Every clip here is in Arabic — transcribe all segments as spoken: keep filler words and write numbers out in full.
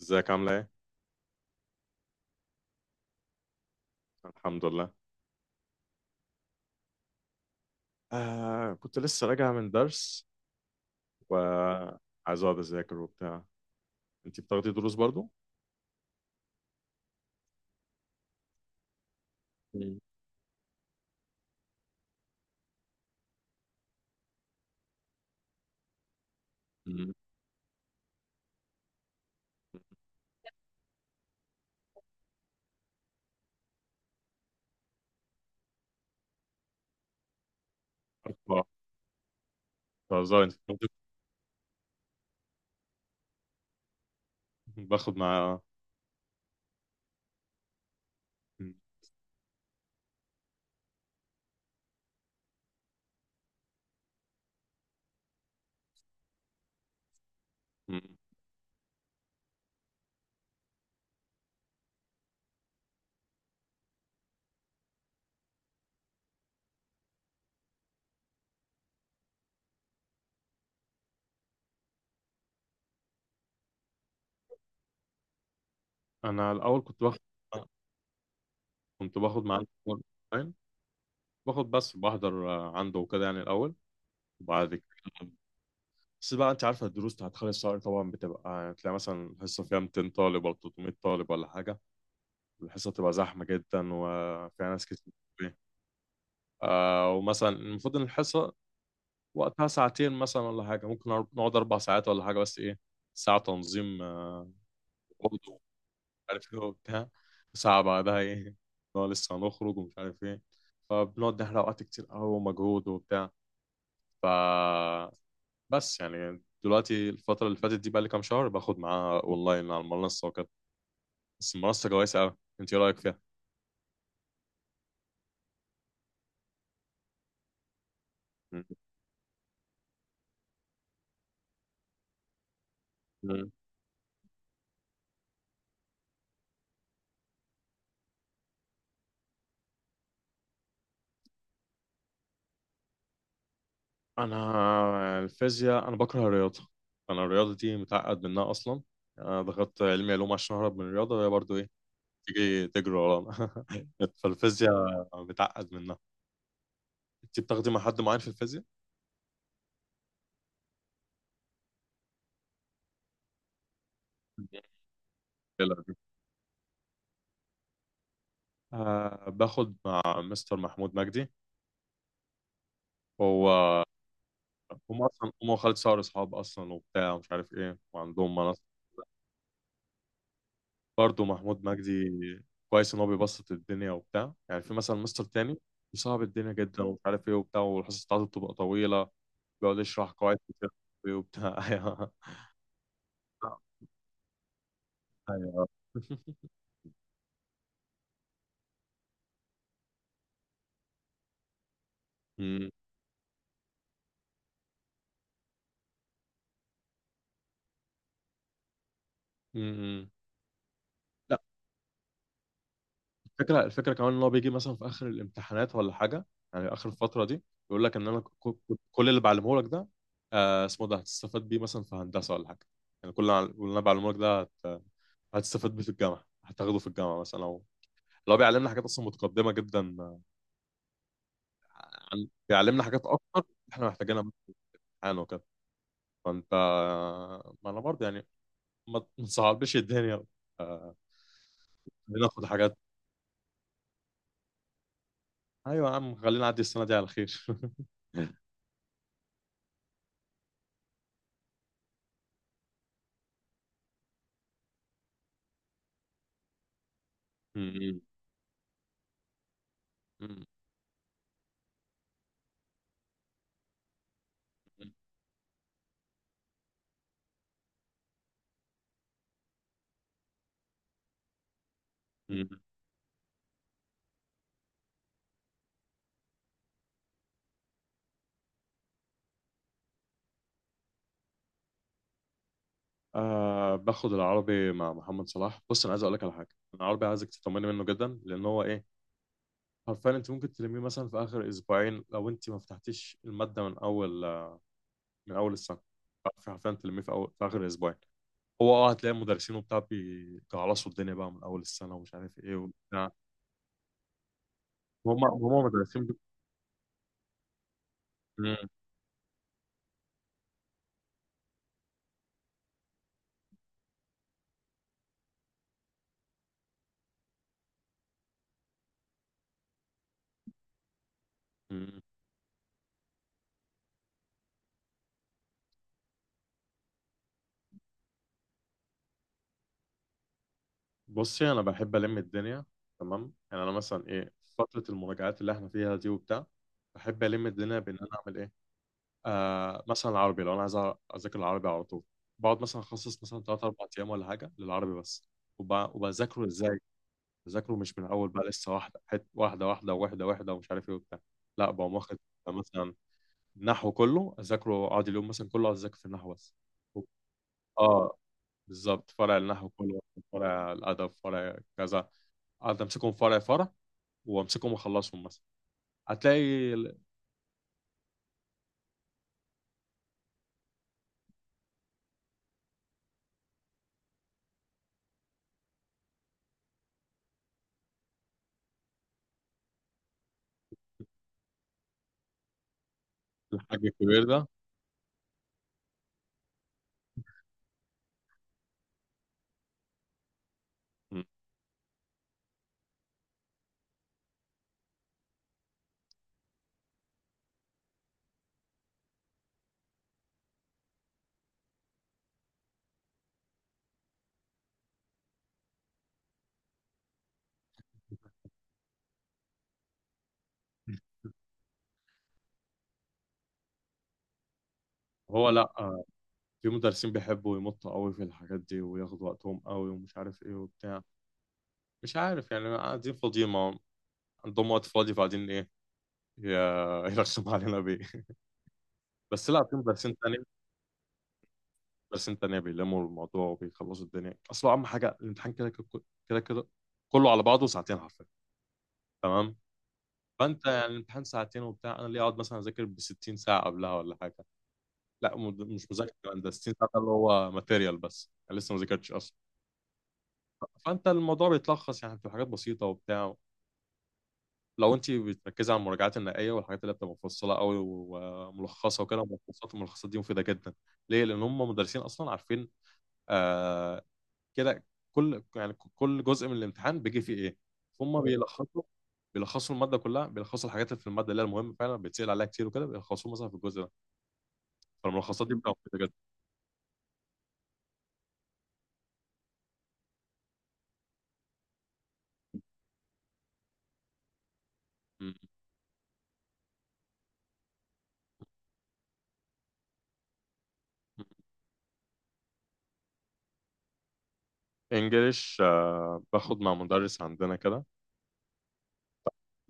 ازيك عاملة ايه؟ الحمد لله. آه كنت لسه راجع من درس وعايز اقعد اذاكر وبتاع. انت بتاخدي دروس برضو؟ مم. مم. آه، بهزر. انت بتاخدي- باخد مع. مم. مم. انا الاول كنت باخد، كنت باخد مع اونلاين. باخد بس بحضر آه، عنده وكده يعني الاول وبعد كده. بس بقى انت عارفة الدروس بتاعت خالد صقر، طبعا بتبقى تلاقي مثلا الحصة فيها 200 طالب ولا 300 طالب ولا حاجة. الحصة بتبقى زحمة جدا وفيها ناس كتير. آه، ومثلا المفروض ان الحصه وقتها ساعتين مثلا ولا حاجه، ممكن نقعد نقعد اربع ساعات ولا حاجه، بس ايه، ساعه تنظيم آه، اوضه ومش عارف ايه وبتاع، ساعه بعدها ايه، نقعد لسه هنخرج ومش عارف ايه، فبنقعد نحرق وقت كتير قوي ومجهود وبتاع. ف بس يعني دلوقتي الفتره اللي فاتت دي بقى لي كام شهر باخد معاها اونلاين على المنصه وكده. بس المنصه كويسه قوي، انت ايه رايك فيها؟ انا الفيزياء، انا بكره الرياضه. انا الرياضه دي متعقد منها اصلا. انا دخلت علمي علوم عشان اهرب من الرياضه، وهي برضو ايه، تيجي تجري ورانا. فالفيزياء متعقد منها. انت بتاخدي مع حد معين في الفيزياء؟ لا. أه باخد مع مستر محمود مجدي. هو هم اصلا، هم وخالد صقر اصحاب اصلا وبتاع مش عارف ايه، وعندهم. برضه محمود مجدي كويس ان هو بيبسط الدنيا وبتاع. يعني في مثلا مستر تاني صعب الدنيا جدا ومش عارف ايه وبتاع، والحصص بتاعته بتبقى طويله، بيقعد يشرح قواعد كتير وبتاع. ايوه ايوه. أمم، أمم. لا، الفكره الفكره كمان ان هو بيجي مثلا في اخر الامتحانات ولا حاجه، يعني اخر الفتره دي، يقول لك ان انا ك- ك- كل اللي بعلمه لك ده آه اسمه ده هتستفاد بيه مثلا في هندسه ولا حاجه، يعني كل اللي أنا- كل اللي انا بعلمه لك ده هت- هتستفاد بيه في الجامعه، هتاخده في الجامعه مثلا، او لو بيعلمنا حاجات اصلا متقدمه جدا، عن بيعلمنا حاجات اكتر احنا محتاجينها في الامتحان وكده. فانت، ما انا برضه يعني ما ما تصعبش الدنيا آه، بناخد حاجات. ايوه يا عم خلينا نعدي السنه دي على خير. م- م- م- م- آه باخد العربي مع محمد صلاح. بص، انا عايز اقول لك على حاجه. أنا العربي عايزك تطمني منه جدا، لان هو ايه، حرفيا انت ممكن تلميه مثلا في اخر اسبوعين لو انت ما فتحتيش الماده من اول، من اول السنه. حرفيا تلميه في, أول... في اخر اسبوعين. هو اه، هتلاقي المدرسين وبتاع بيجعلصوا الدنيا بقى من اول السنه ومش عارف ايه وبتاع. هم هم مدرسين ب... مم. مم. بصي، انا بحب الم الدنيا تمام. يعني انا مثلا ايه، فتره المراجعات اللي احنا فيها دي وبتاع، بحب الم الدنيا بان انا اعمل ايه. آه مثلا العربي لو انا عايز أع- اذاكر العربي على طول، بقعد مثلا اخصص مثلا ثلاثة اربعة ايام ولا حاجه للعربي بس. وب- وبذاكره ازاي؟ بذاكره مش من اول بقى لسه واحده، حت... واحده واحده واحده واحده، ومش عارف ايه وبتاع. لا، بقوم واخد مثلا النحو كله اذاكره، اقعد اليوم مثلا كله اقعد اذاكر في النحو بس. اه بالظبط، فرع النحو كله، فرع الادب، فرع كذا، اقعد امسكهم فرع فرع، وامسكهم واخلصهم مثلا. هتلاقي الحاج الكبير ده. مم. هو لا آه، في مدرسين بيحبوا يمطوا قوي في الحاجات دي وياخدوا وقتهم قوي ومش عارف ايه وبتاع. مش عارف يعني، قاعدين فاضيين ما عندهم وقت فاضي فقاعدين ايه، ي- يرخم علينا بيه. بس لا، في مدرسين تانية بس انت تانية بيلموا الموضوع وبيخلصوا الدنيا. اصل اهم حاجه الامتحان كده كده، كده كده كله على بعضه ساعتين حرفيا تمام. فانت يعني الامتحان ساعتين وبتاع، انا ليه اقعد مثلا اذاكر ب 60 ساعه قبلها ولا حاجه؟ لا، مد- مش مذاكره كمان، ده 60 ساعه ده اللي هو ماتيريال، بس انا لسه ما ذاكرتش اصلا. فانت الموضوع بيتلخص، يعني بتبقى حاجات بسيطه وبتاع لو انت بتركزي على المراجعات النهائيه والحاجات اللي بتبقى مفصله قوي وملخصه وكده. ملخصات الملخصات دي مفيده جدا. ليه؟ لان هم مدرسين اصلا عارفين آه كده كل، يعني كل جزء من الامتحان بيجي فيه ايه. ثم بيلخصوا، بيلخصوا الماده كلها، بيلخصوا الحاجات اللي في الماده اللي هي المهمه فعلا بيتسال عليها كتير وكده، بيلخصوها مثلا في الجزء ده. فالملخصات دي بتبقى مفيده جدا. م- م. انجليش آه باخد مع مدرس عندنا كده.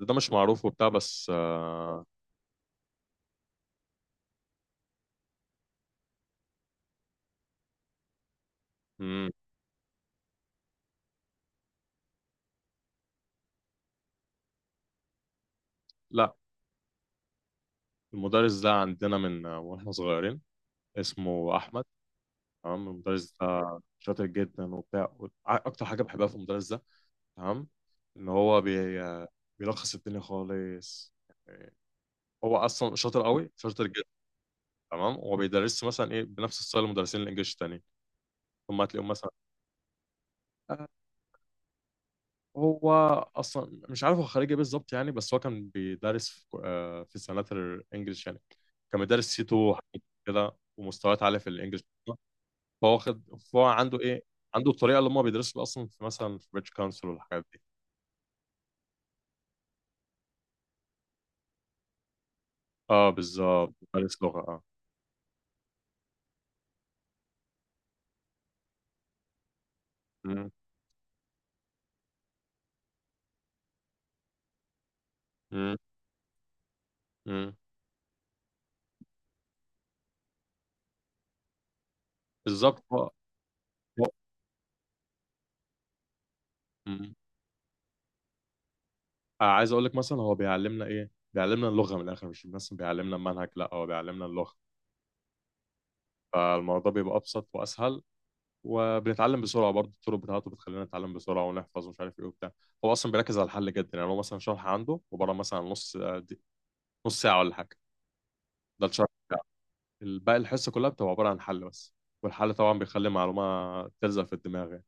ده مش معروف وبتاع بس آه. م. لا، المدرس ده عندنا من آه، واحنا صغيرين، اسمه احمد. تمام. المدرس ده شاطر جدا وبتاع، وع- اكتر حاجه بحبها في المدرس ده تمام، ان هو بي... بيلخص الدنيا خالص. هو اصلا شاطر قوي، شاطر جدا. تمام. هو بيدرس مثلا ايه بنفس ستايل المدرسين الانجليش التانيين، ثم هتلاقيهم مثلا آه، هو اصلا مش عارف هو خريج ايه بالظبط يعني، بس هو كان بيدرس في آه، في سنات الانجليش يعني، كان بيدرس سي 2 حاجات كده ومستويات عاليه في الانجليش. فهو خد، فهو عنده ايه، عنده الطريقه اللي هم بيدرسوا بيها اصلا في مثلا في بريتش كونسل والحاجات دي. اه بالظبط، مدرس لغه اه. مم، مم، مم. بالظبط. هو- مم. آه، عايز اقول لك مثلا هو بيعلمنا ايه، بيعلمنا اللغه من الاخر، مش بس بيعلمنا المنهج، لا هو بيعلمنا اللغه. فالموضوع بيبقى ابسط واسهل، وبنتعلم بسرعه برضه. الطرق بتاعته بتخلينا نتعلم بسرعه ونحفظ ومش عارف ايه وبتاع. هو اصلا بيركز على الحل جدا، يعني هو مثلا شرح عنده عباره مثلا نص آه، دي- نص ساعه ولا حاجه، ده الشرح بتاعه. الباقي الحصه كلها بتبقى عباره عن حل بس. والحل طبعا بيخلي معلومه تلزق في الدماغ يعني.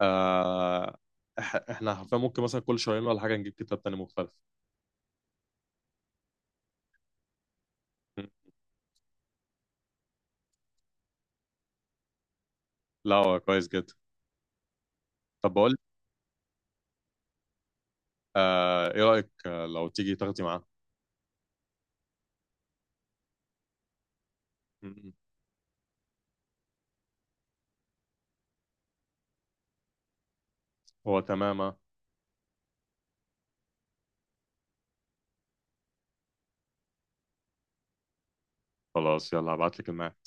آه، إح- احنا حرفيا ممكن مثلا كل شهرين ولا حاجه نجيب كتاب تاني مختلف. مم. لا هو كويس جدا. طب بقول آه، ايه رأيك آه، لو تيجي تاخدي معاه؟ م- م. هو تمام آه. خلاص يلا هبعت لك الميعاد.